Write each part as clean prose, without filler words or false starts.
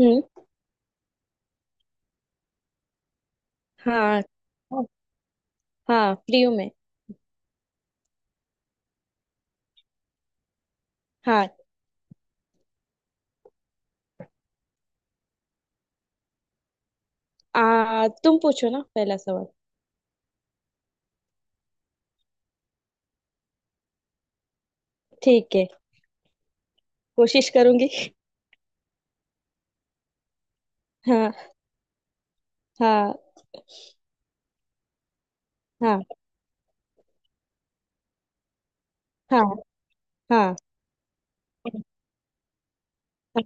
हम्म। हाँ, हाँ। हाँ, फ्री हूँ मैं। हाँ। तुम पूछो ना पहला सवाल। ठीक है। कोशिश करूंगी। हाँ, हाँ, हाँ, हाँ, हाँ, हाँ।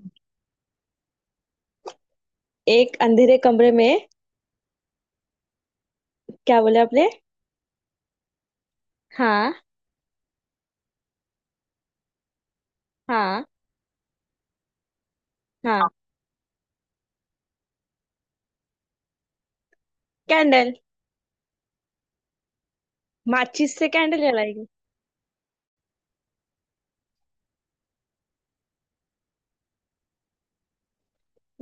एक अंधेरे कमरे में। क्या बोले आपने? हाँ, हाँ, हाँ। कैंडल। माचिस से कैंडल जलाएगी।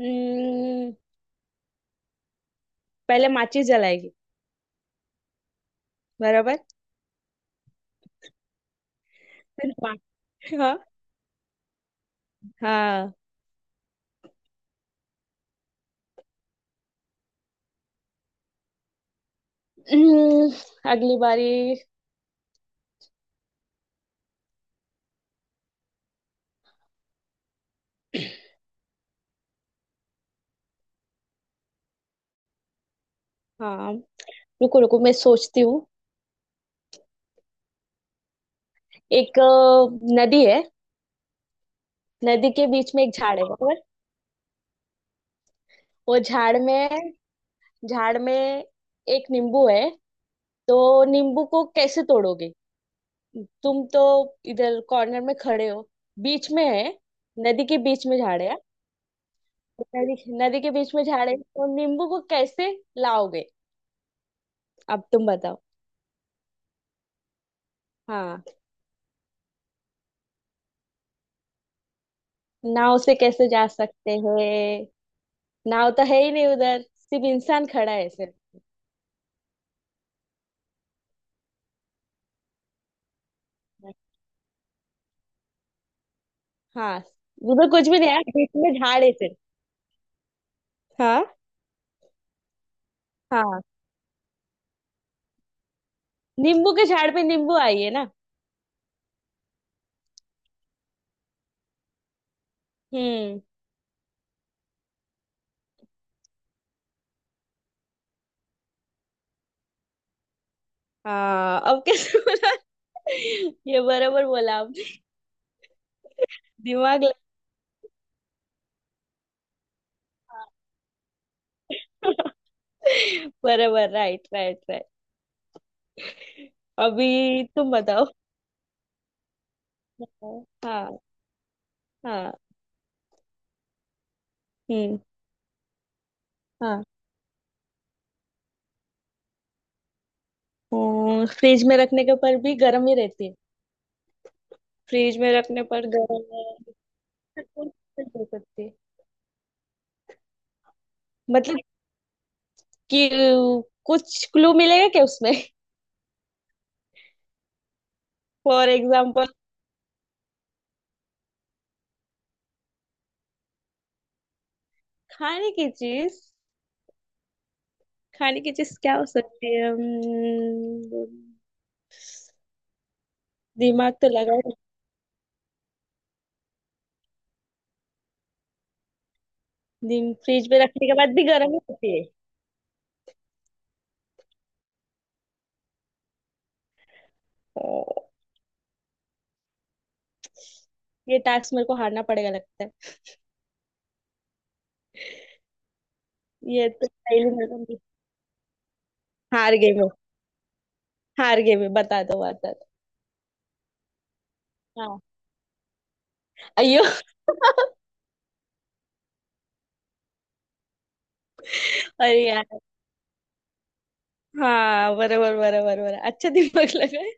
हम्म, पहले माचिस जलाएगी। बराबर। फिर हाँ, हाँ। हम्म, अगली बारी। हाँ। रुको रुको, मैं सोचती हूँ। एक नदी है। नदी के बीच में एक झाड़ है, बराबर। वो झाड़ में। झाड़ में एक नींबू है। तो नींबू को कैसे तोड़ोगे? तुम तो इधर कॉर्नर में खड़े हो। बीच में है। नदी के बीच में झाड़ है। नदी नदी के बीच में झाड़ है, तो नींबू को कैसे लाओगे? अब तुम बताओ। हाँ। नाव से कैसे जा सकते हैं? नाव तो है ही नहीं उधर। सिर्फ इंसान खड़ा है सिर्फ। हाँ। उधर कुछ भी नहीं है, बीच में झाड़ है सिर्फ। हाँ, हाँ। नींबू के झाड़ पे नींबू आई है ना? हम्म। हाँ, अब कैसे बोला? ये बराबर बोला आपने। दिमाग लगा। बराबर, राइट, राइट, राइट। अभी तुम बताओ। हाँ, हाँ। हम्म। हाँ। फ्रिज में रखने के पर भी गर्म ही रहती है। फ्रिज में रखने पर गर्म हो सकती है। मतलब कि कुछ क्लू मिलेगा क्या उसमें? For example. खाने की चीज। खाने की चीज क्या हो सकती है? हम्म। दिमाग तो लगा है। दिन फ्रिज में रखने के बाद भी गर्म ही होती है। ओ, ये टास्क मेरे को हारना पड़ेगा लगता है। ये तो पहले मेरे को नहीं। हार गई मैं। हार गई मैं, बता दो, बता दो। हाँ। अयो। अरे यार। हाँ, बराबर, बराबर, बराबर। अच्छा दिमाग लगा है।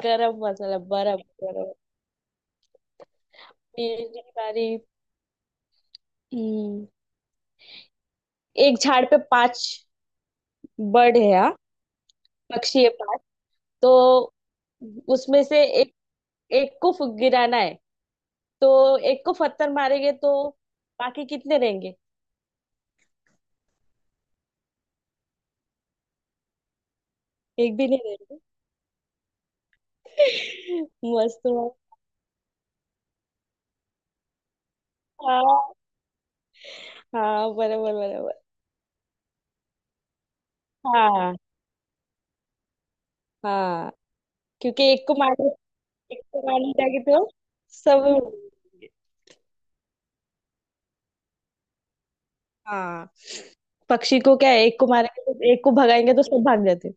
गरम मसाला, बराबर, बराबर। मेरी बारी। हम्म, एक झाड़ पे पांच बर्ड है, हाँ। पक्षी है पांच। तो उसमें से एक एक को गिराना है। तो एक को पत्थर मारेंगे तो बाकी कितने रहेंगे? एक भी नहीं रहेंगे। मस्त मस्त। हाँ, हाँ, बराबर, बराबर, हाँ, हाँ। क्योंकि एक को मारे। एक को मारने जाएंगे तो सब उड़ेंगे। हाँ, पक्षी को क्या है, एक को मारेंगे तो एक को भगाएंगे तो सब भाग जाते हैं।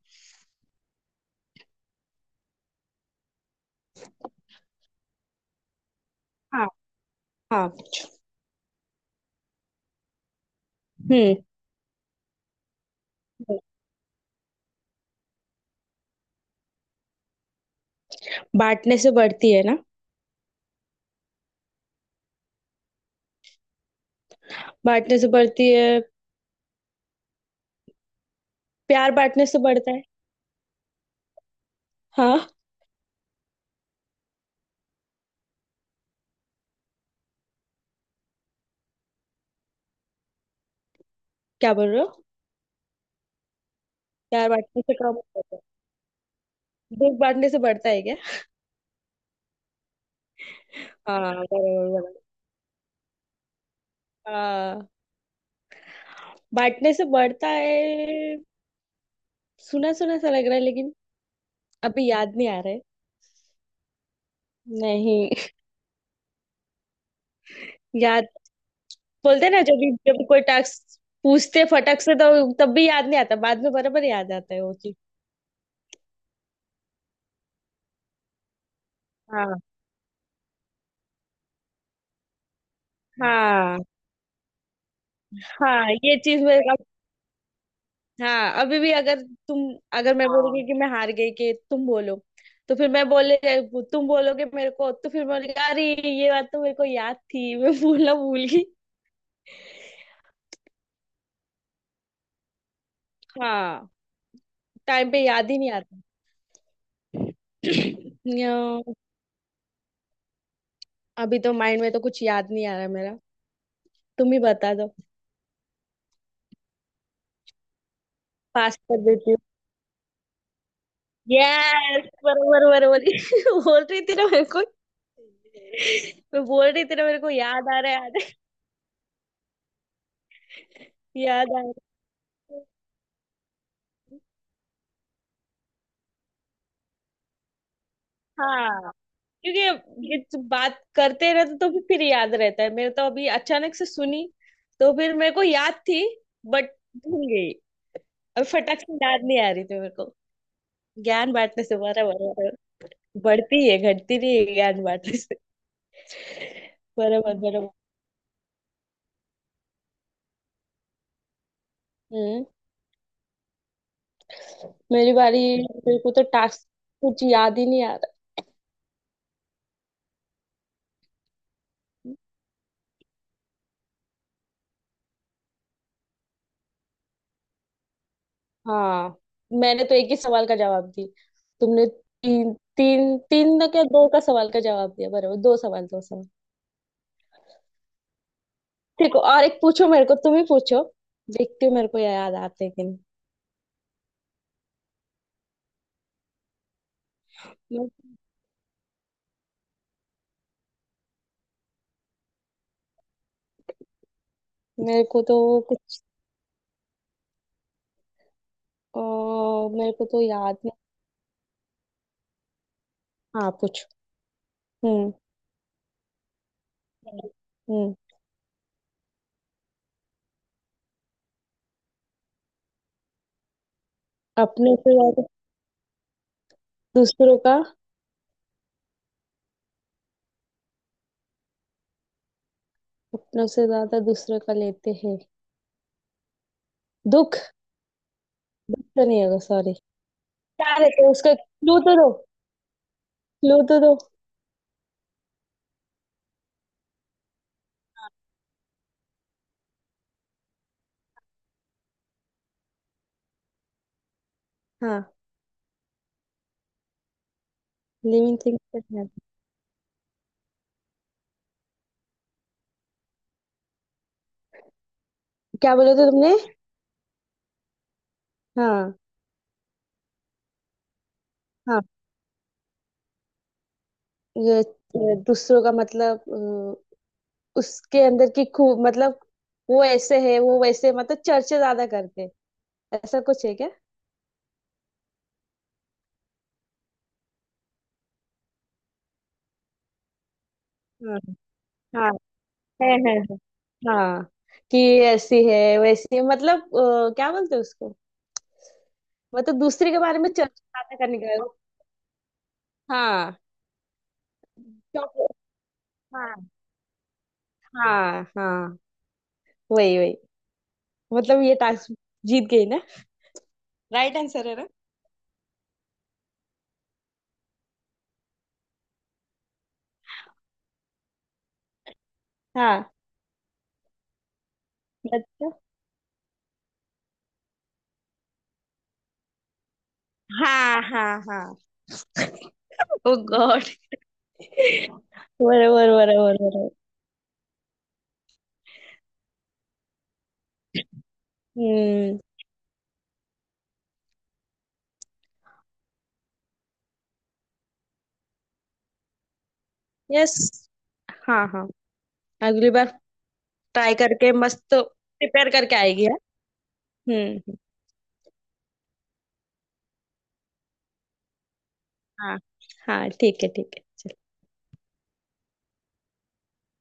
हाँ, हाँ। हम्म। बांटने से बढ़ती है ना? बांटने से बढ़ती है। प्यार बांटने से बढ़ता है। हाँ। क्या बोल रहे हो? प्यार बांटने से कम होता है। दुख बांटने से बढ़ता है क्या? हाँ, बराबर, बराबर। हाँ। बांटने से बढ़ता है। सुना सुना सा लग रहा है, लेकिन अभी याद नहीं आ रहा है। नहीं। याद। बोलते हैं ना, जब भी कोई टास्क पूछते फटक से तो तब भी याद नहीं आता, बाद में बराबर याद आता है वो चीज। हाँ, हाँ, हाँ, ये चीज मेरे अब। हाँ, अभी भी तुम अगर मैं बोलूंगी कि मैं हार गई कि तुम बोलो, तो फिर मैं बोले, तुम बोलोगे मेरे को तो फिर मैं बोलेगी, अरे, ये बात तो मेरे को याद थी, मैं भूलना भूल गई। हाँ। टाइम पे याद ही नहीं आता। न्यो, अभी तो माइंड में तो कुछ याद नहीं आ रहा मेरा। तुम ही बता दो। पास कर देती हूँ। यस, बरोबर, बरोबर। बोल रही थी ना मेरे को। मैं बोल रही थी ना मेरे को, याद आ रहा है, याद आ रहा है। हाँ। क्योंकि ये तो बात करते रहते तो भी फिर याद रहता है, मेरे तो अभी अचानक से सुनी तो फिर मेरे को याद थी। बट भूल गई। अब फटाक से याद नहीं आ रही थी मेरे को। ज्ञान बांटने से, बराबर। बढ़ती है, घटती नहीं है ज्ञान बांटने से। बराबर, बराबर। हम्म। मेरी बारी। मेरे को तो टास्क कुछ याद ही नहीं आ रहा। हाँ। मैंने तो एक ही सवाल का जवाब दी। तुमने तीन तीन तीन ना, क्या दो का सवाल का जवाब दिया, बराबर, दो सवाल, दो सवाल। ठीक है, और एक पूछो मेरे को, तुम ही पूछो। देखती हूँ मेरे को याद आते हैं कि नहीं। मे- मेरे को तो कुछ। अ, मेरे को तो याद नहीं। हाँ, पूछो। हम्म। हम्म, अपने से याद। दूसरों का। अपनों से ज्यादा दूसरों का लेते हैं। दुख। दुख तो नहीं होगा, सॉरी। क्या रहते हैं, उसका क्लू तो दो। क्लू तो दो। हाँ, लिविंग थिंग। क्या बोले थे तुमने? हाँ, हाँ। ये ये दूसरों का मतलब। अ, उसके अंदर की खूब मतलब, वो ऐसे है, वो वैसे, मतलब चर्चा ज्यादा करते हैं। ऐसा कुछ है क्या? हाँ, हाँ, है, हाँ। कि ऐसी है वैसी है, मतलब क्या बोलते हैं उसको। मतलब दूसरे के बारे में चर्चा ज्यादा करने का। हाँ, चॉकलेट। हाँ, हाँ, हाँ, वही वही। मतलब ये टास्क जीत गई ना? राइट आंसर है ना? हाँ, अच्छा। हाँ, हाँ, हाँ। ओ गॉड। बराबर, बराबर, बराबर। हम्म। यस। हाँ, हाँ, अगली बार। ट्राई करके मस्त प्रिपेयर करके आएगी है। हम्म। हाँ, हाँ, ठीक है, ठीक है।